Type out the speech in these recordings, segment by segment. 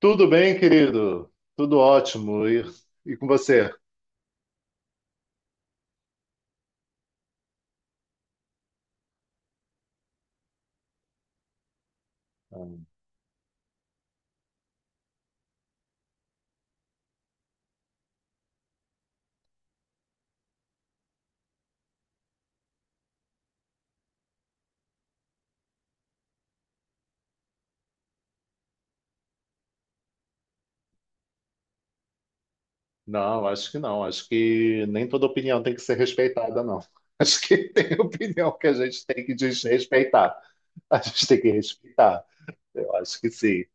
Tudo bem, querido? Tudo ótimo. E com você? Não, acho que não. Acho que nem toda opinião tem que ser respeitada, não. Acho que tem opinião que a gente tem que desrespeitar. A gente tem que respeitar. Eu acho que sim.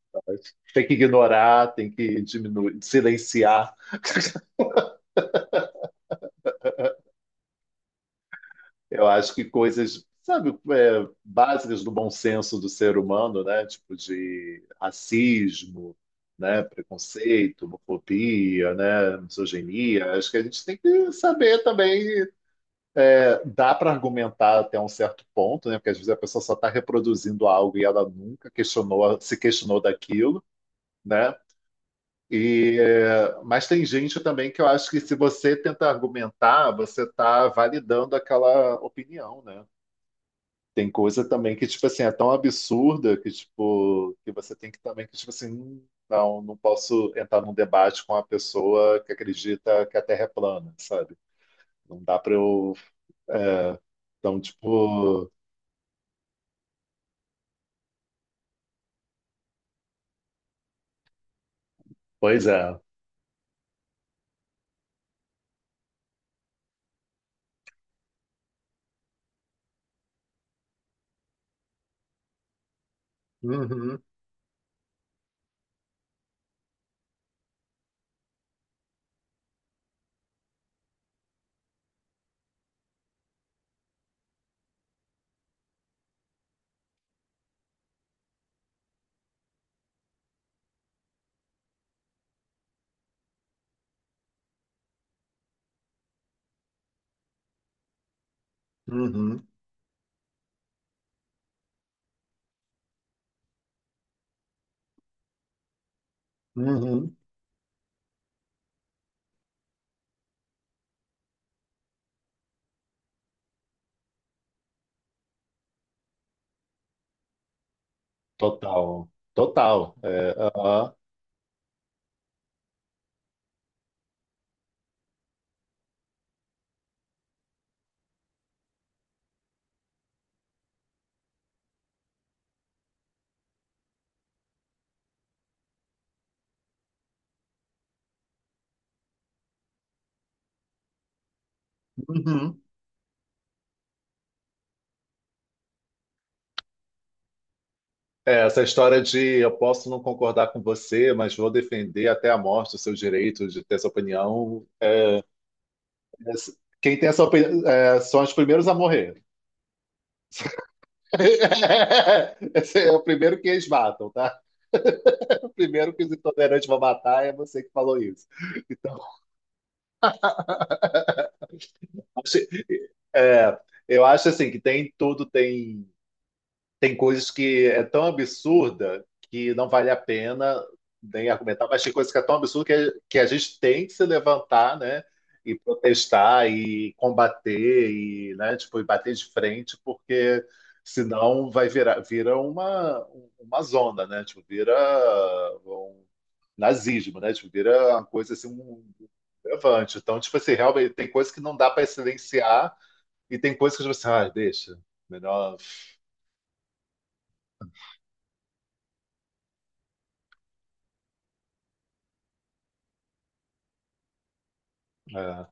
Tem que ignorar, tem que diminuir, silenciar. Eu acho que coisas, sabe, básicas do bom senso do ser humano, né? Tipo de racismo, né? Preconceito, homofobia, né? Misoginia. Acho que a gente tem que saber também. Dá para argumentar até um certo ponto, né? Porque às vezes a pessoa só está reproduzindo algo e ela nunca questionou, se questionou daquilo, né? E mas tem gente também que eu acho que se você tenta argumentar, você está validando aquela opinião, né? Tem coisa também que, tipo assim, é tão absurda que, tipo, que você tem que também, que, tipo assim, não, não posso entrar num debate com uma pessoa que acredita que a Terra é plana, sabe? Não dá pra eu. é, então, tipo. Pois é. Uhum, uhum, uhum. Total. Total. É, aham. Uhum. É, essa história de eu posso não concordar com você, mas vou defender até a morte o seu direito de ter essa opinião. Quem tem essa opinião são os primeiros a morrer. Esse é o primeiro que eles matam, tá? O primeiro que os intolerantes vão matar é você que falou isso. Então, acho- é, eu acho assim que tem tudo, tem. Tem coisas que é tão absurda que não vale a pena nem argumentar, mas tem coisas que é tão absurda que a gente tem que se levantar, né? E protestar e combater e, né, tipo, e bater de frente, porque senão vai virar vira uma zona, né? Tipo, vira um nazismo, né? Tipo, vira uma coisa assim, um levante. Então, tipo assim, realmente tem coisas que não dá para silenciar e tem coisas que você, ah, deixa, melhor. É,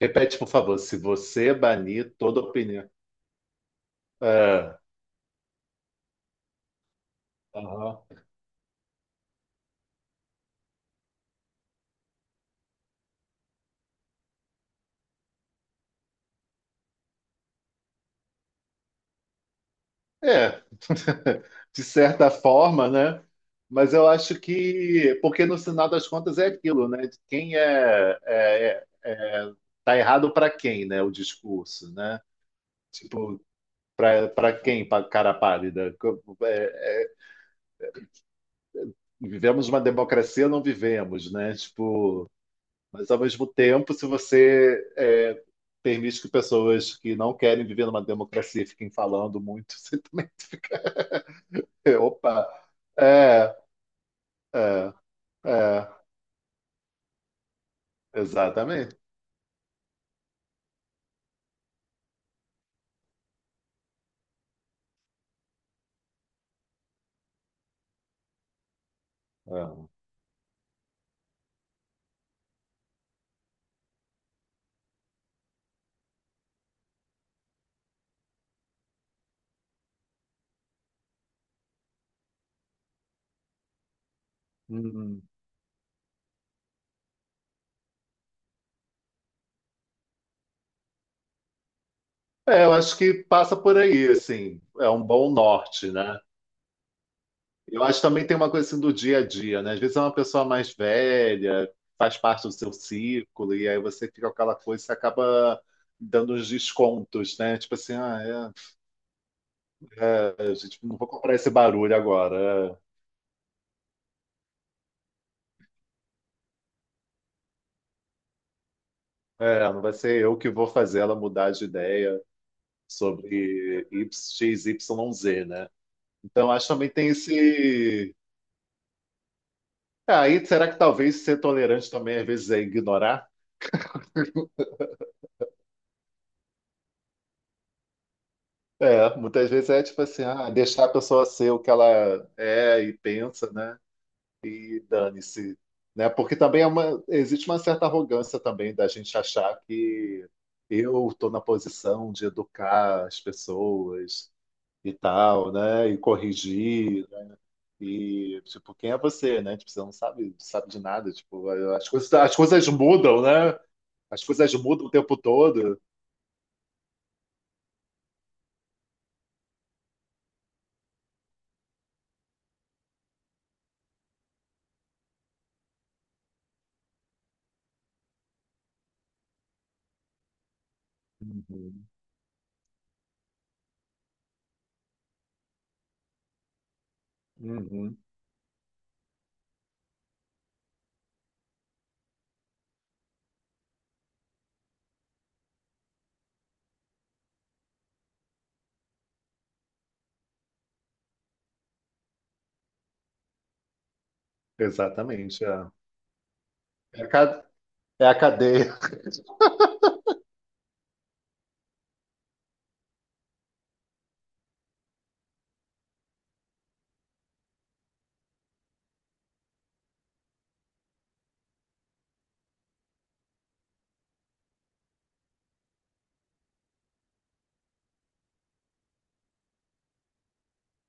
Repete, por favor, se você é banir toda opinião. É, aham. É, de certa forma, né? Mas eu acho que, porque no final das contas é aquilo, né? De quem é, tá errado para quem, né? O discurso, né? Tipo, para quem, para cara pálida? Vivemos uma democracia ou não vivemos, né? Tipo, mas, ao mesmo tempo, se você permite que pessoas que não querem viver numa democracia fiquem falando muito, você também. Opa! É, é, é, exatamente. É. Uhum. É, eu acho que passa por aí, assim, é um bom norte, né? Eu acho que também tem uma coisa assim do dia a dia, né? Às vezes é uma pessoa mais velha, faz parte do seu círculo, e aí você fica com aquela coisa, você acaba dando uns descontos, né? Tipo assim, é, a gente não vou comprar esse barulho agora. Não vai ser eu que vou fazer ela mudar de ideia sobre X, Y, Z, né? Então, acho que também tem esse. Ah, aí, será que talvez ser tolerante também às vezes é ignorar? É, muitas vezes é tipo assim, ah, deixar a pessoa ser o que ela é e pensa, né? E dane-se, né? Porque também é uma, existe uma certa arrogância também da gente achar que eu estou na posição de educar as pessoas e tal, né? E corrigir. E, tipo, quem é você, né? Tipo, você não sabe, sabe de nada. Tipo, as coisas mudam, né? As coisas mudam o tempo todo. Uhum, uhum, exatamente. É a ca- é a cadeia.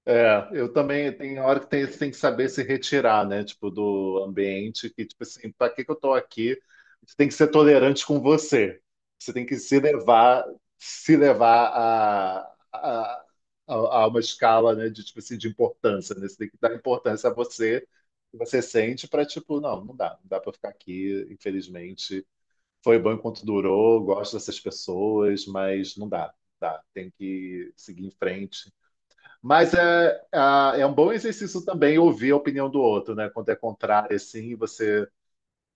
É, eu também tem hora que tem, você tem que saber se retirar, né? Tipo, do ambiente que, tipo assim, pra que que eu tô aqui? Você tem que ser tolerante com você. Você tem que se levar, se levar a, a, a uma escala, né? De, tipo assim, de importância, né? Você tem que dar importância a você, que você sente pra, tipo, não, não dá, não dá pra ficar aqui, infelizmente. Foi bom enquanto durou, gosto dessas pessoas, mas não dá, não dá. Tem que seguir em frente, mas é um bom exercício também ouvir a opinião do outro, né? Quando é contrário, assim, você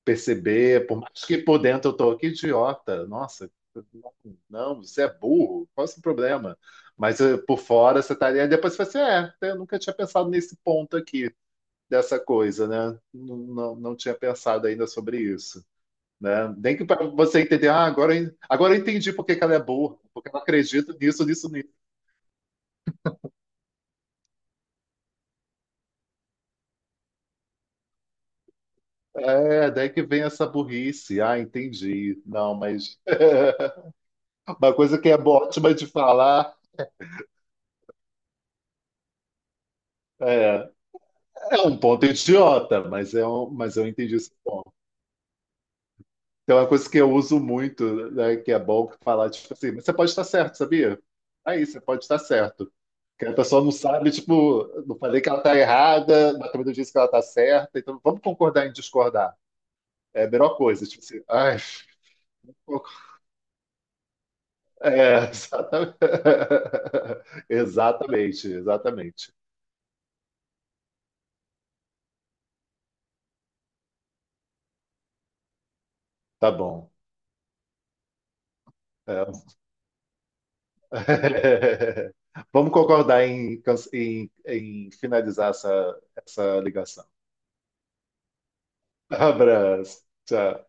perceber, por mais que por dentro eu tô, que idiota, nossa, não, não, você é burro, qual é o seu problema? Mas por fora você tá ali, aí depois você fala assim, é, eu nunca tinha pensado nesse ponto aqui, dessa coisa, né? Não, não, não tinha pensado ainda sobre isso, né? Nem que para você entender, ah, agora, agora eu entendi por que que ela é burra, porque ela acredita nisso, nisso, nisso. É, daí que vem essa burrice. Ah, entendi. Não, mas uma coisa que é ótima de falar é, é um ponto idiota, mas é um, mas eu entendi esse ponto. Tem uma coisa que eu uso muito, né, que é bom falar, tipo assim, mas você pode estar certo, sabia? Aí, você pode estar certo. Que a pessoa não sabe, tipo, não falei que ela está errada, mas também não disse que ela está certa, então vamos concordar em discordar. É a melhor coisa, tipo assim, ai, é, exatamente. Exatamente, exatamente. Tá bom. É. Vamos concordar em, em finalizar essa ligação. Abraço. Tchau.